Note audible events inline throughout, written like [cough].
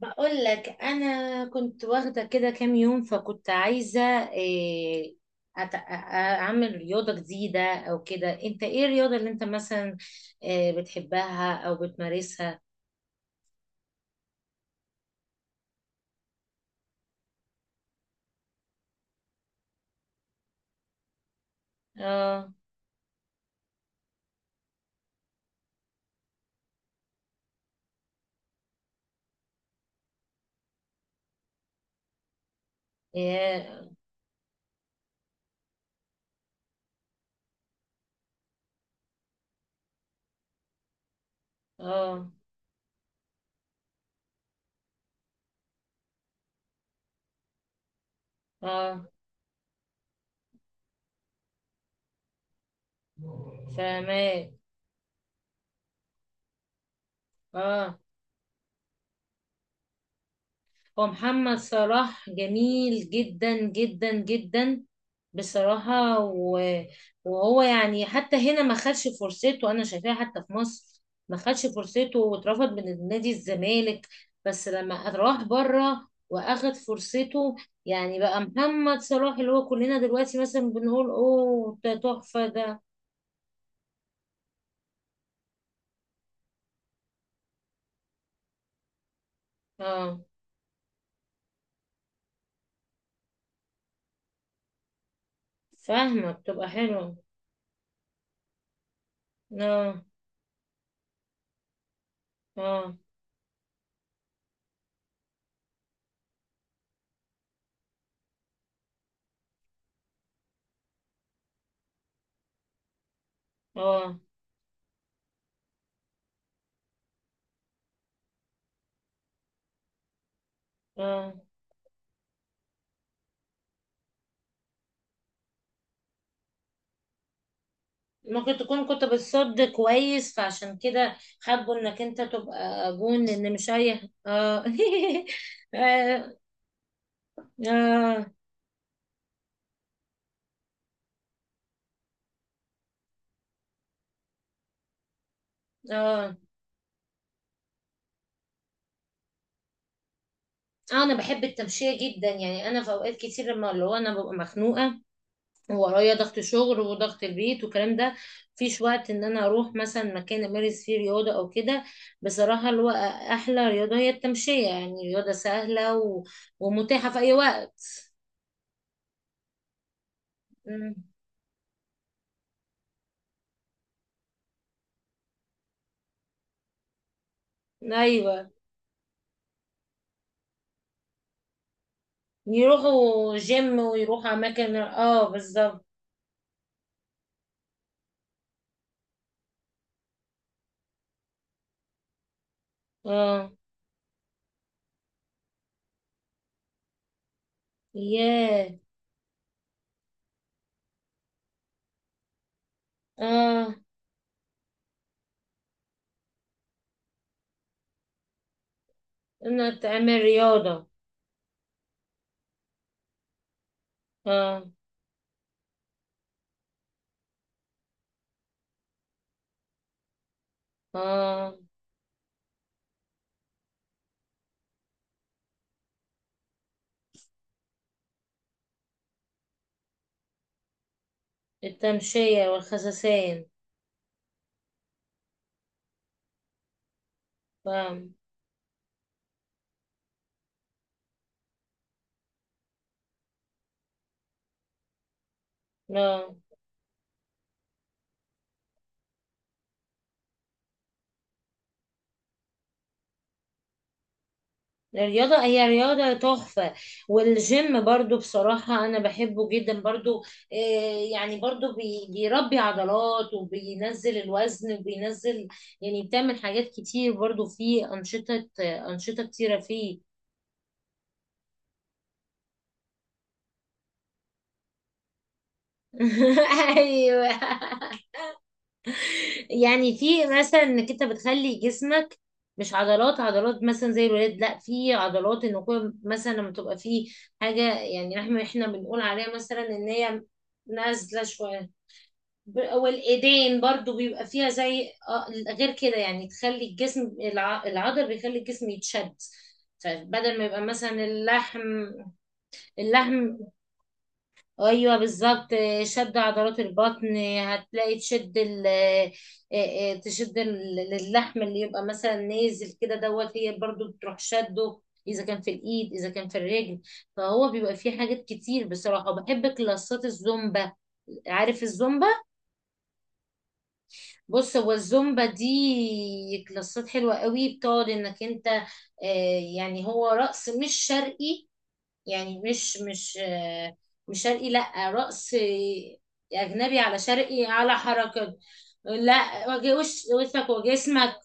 بقول لك انا كنت واخده كده كام يوم، فكنت عايزه إيه، أت- أ- اعمل رياضه جديده او كده. انت ايه الرياضه اللي انت مثلا بتحبها او بتمارسها؟ اه. يا. اه. اه. فاهمك. اه. هو محمد صلاح جميل جدا جدا جدا بصراحة، وهو يعني حتى هنا ما خدش فرصته، أنا شايفاه حتى في مصر ما خدش فرصته واترفض من نادي الزمالك. بس لما راح بره وأخد فرصته، يعني بقى محمد صلاح اللي هو كلنا دلوقتي مثلا بنقول أوه ده تحفة ده. اه. فاهمة بتبقى حلوة. اه. اه. اه. اه. ممكن تكون كنت بتصد كويس، فعشان كده حابه انك انت تبقى جون، ان مش اي اه [laughs] اه. اه. اه. انا بحب التمشية جدا، يعني انا في اوقات كتير لما اللي هو انا ببقى مخنوقة وورايا ضغط شغل وضغط البيت والكلام ده، مفيش وقت ان انا اروح مثلا مكان امارس فيه رياضة او كده. بصراحة اللي هو احلى رياضة هي التمشية، يعني رياضة سهلة ومتاحة في اي وقت. مم. ايوه. يروحوا جيم ويروحوا اماكن، اه، بالظبط. اه. ياه. اه. انها تعمل رياضة. اه. اه. التمشية والخساسين. فاهم. لا. الرياضة هي رياضة تحفة. والجيم برضو بصراحة أنا بحبه جدا برضو. آه يعني برضو بيربي عضلات وبينزل الوزن وبينزل، يعني بتعمل حاجات كتير برضو، فيه أنشطة أنشطة كتيرة فيه. [laughs] ايوه. يعني في مثلا انك انت بتخلي جسمك مش عضلات عضلات مثلا زي الولاد، لا في عضلات. ان كل مثلا لما تبقى في حاجه، يعني احنا بنقول عليها مثلا ان هي نازله شويه. والايدين برضو بيبقى فيها زي، غير كده، يعني تخلي الجسم العضل، بيخلي الجسم يتشد، فبدل ما يبقى مثلا اللحم، ايوه بالظبط. شد عضلات البطن هتلاقي تشد ال آه، آه، تشد اللحم اللي يبقى مثلا نازل كده، دوت هي برضو بتروح شده، اذا كان في الايد اذا كان في الرجل. فهو بيبقى فيه حاجات كتير بصراحه. وبحب كلاسات الزومبا. عارف الزومبا؟ بص، هو الزومبا دي كلاسات حلوه قوي، بتقعد انك انت يعني هو رقص مش شرقي، يعني مش مش شرقي، لا رقص اجنبي على شرقي على حركات. لا وشك وجسمك.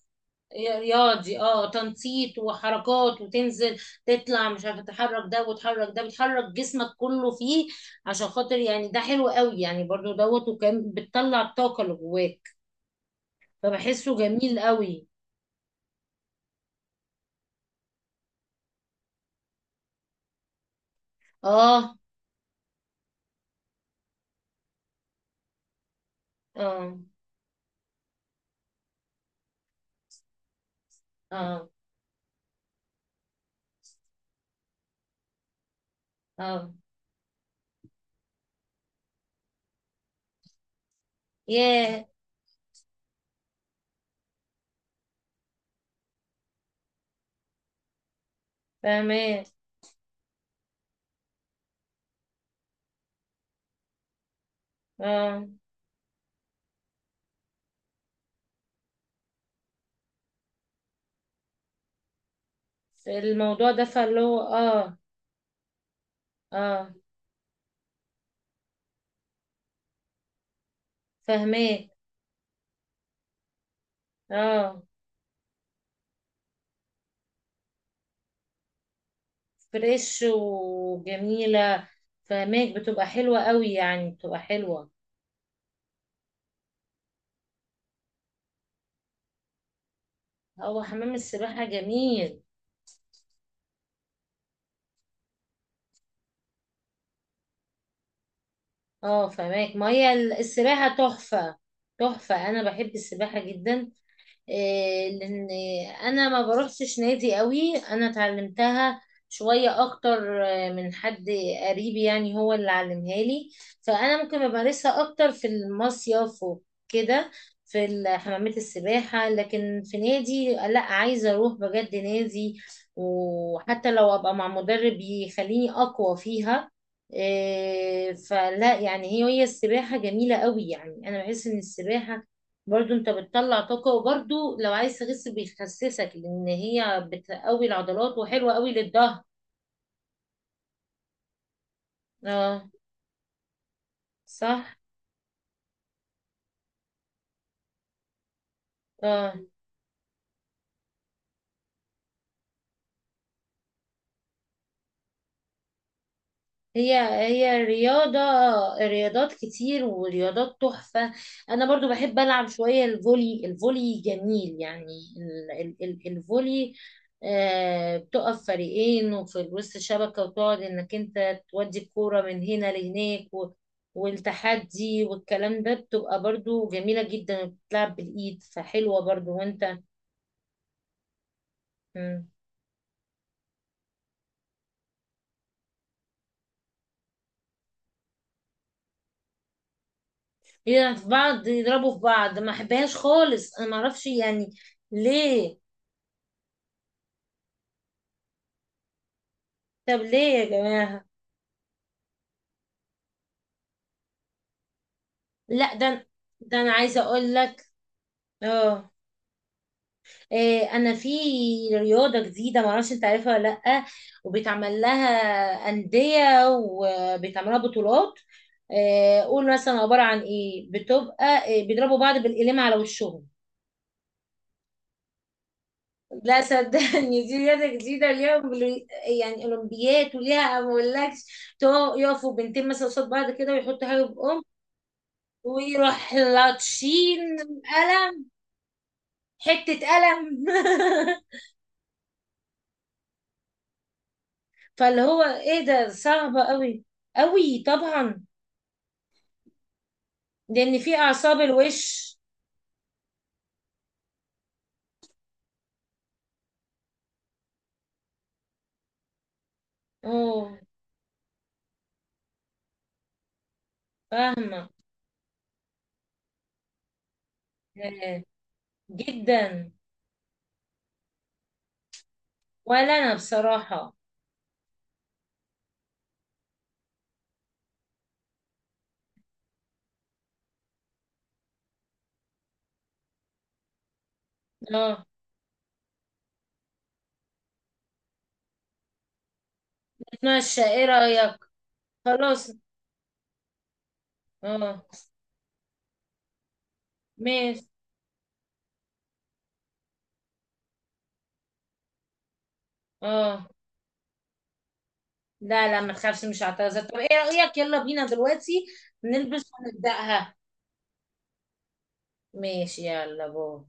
رياضي، تنطيط وحركات، وتنزل تطلع، مش عارفه، تحرك ده وتحرك ده، بتحرك جسمك كله فيه، عشان خاطر يعني ده حلو قوي يعني، برضو دوت وكان بتطلع الطاقه اللي جواك، فبحسه جميل قوي. اه. اه. اه. اه. ياه. فاهمه. اه. في الموضوع ده فاللي هو اه. اه. فاهماك. اه. فريش وجميلة. فاهماك بتبقى حلوة قوي، يعني بتبقى حلوة. هو حمام السباحة جميل. اه. فاهماك، ما هي السباحة تحفة. تحفة، انا بحب السباحة جدا. لان انا ما بروحش نادي قوي. انا اتعلمتها شوية اكتر من حد قريب، يعني هو اللي علمها لي. فانا ممكن بمارسها اكتر في المصيف وكده، في حمامات السباحة. لكن في نادي لا، عايزة اروح بجد نادي، وحتى لو ابقى مع مدرب يخليني اقوى فيها. فلا يعني هي السباحة جميلة قوي. يعني انا بحس ان السباحة برضو انت بتطلع طاقة، وبرضو لو عايز تخس بيخسسك، لان هي بتقوي العضلات وحلوة قوي للظهر. اه. صح. اه. هي هي رياضة، رياضات كتير ورياضات تحفة. أنا برضو بحب ألعب شوية الفولي، الفولي جميل يعني ال ال ال الفولي. بتقف فريقين وفي وسط الشبكة، وتقعد إنك أنت تودي الكورة من هنا لهناك، والتحدي والكلام ده، بتبقى برضو جميلة جدا، بتلعب بالإيد فحلوة برضو وأنت. مم. يلعب في بعض يضربوا في بعض، ما أحبهاش خالص، أنا معرفش يعني ليه. طب ليه يا جماعة؟ لا ده انا عايزة اقول لك. اه. انا في رياضة جديدة، معرفش انت عارفها ولا لا، وبيتعمل لها أندية وبيتعمل لها بطولات. قول، مثلا عبارة عن ايه، بتبقى إيه، بيضربوا بعض بالقلم على وشهم. لا صدقني دي رياضة جديدة، ليها يعني أولمبيات، وليها ما أقولكش. يقفوا بنتين مثلا قصاد بعض كده ويحطوا حاجة بأم، ويروح لطشين قلم، حتة قلم. [laughs] فاللي هو ايه، ده صعبة قوي قوي طبعا. لان في اعصاب الوش. اه. فاهمة آه، جدا. ولا انا بصراحة. اه. اتمشى ايه رأيك؟ خلاص. اه. ماشي. اه. لا لا، ما تخافش، مش هعتذر. طب ايه رأيك؟ يلا بينا دلوقتي نلبس ونبدأها. ماشي، يلا باي.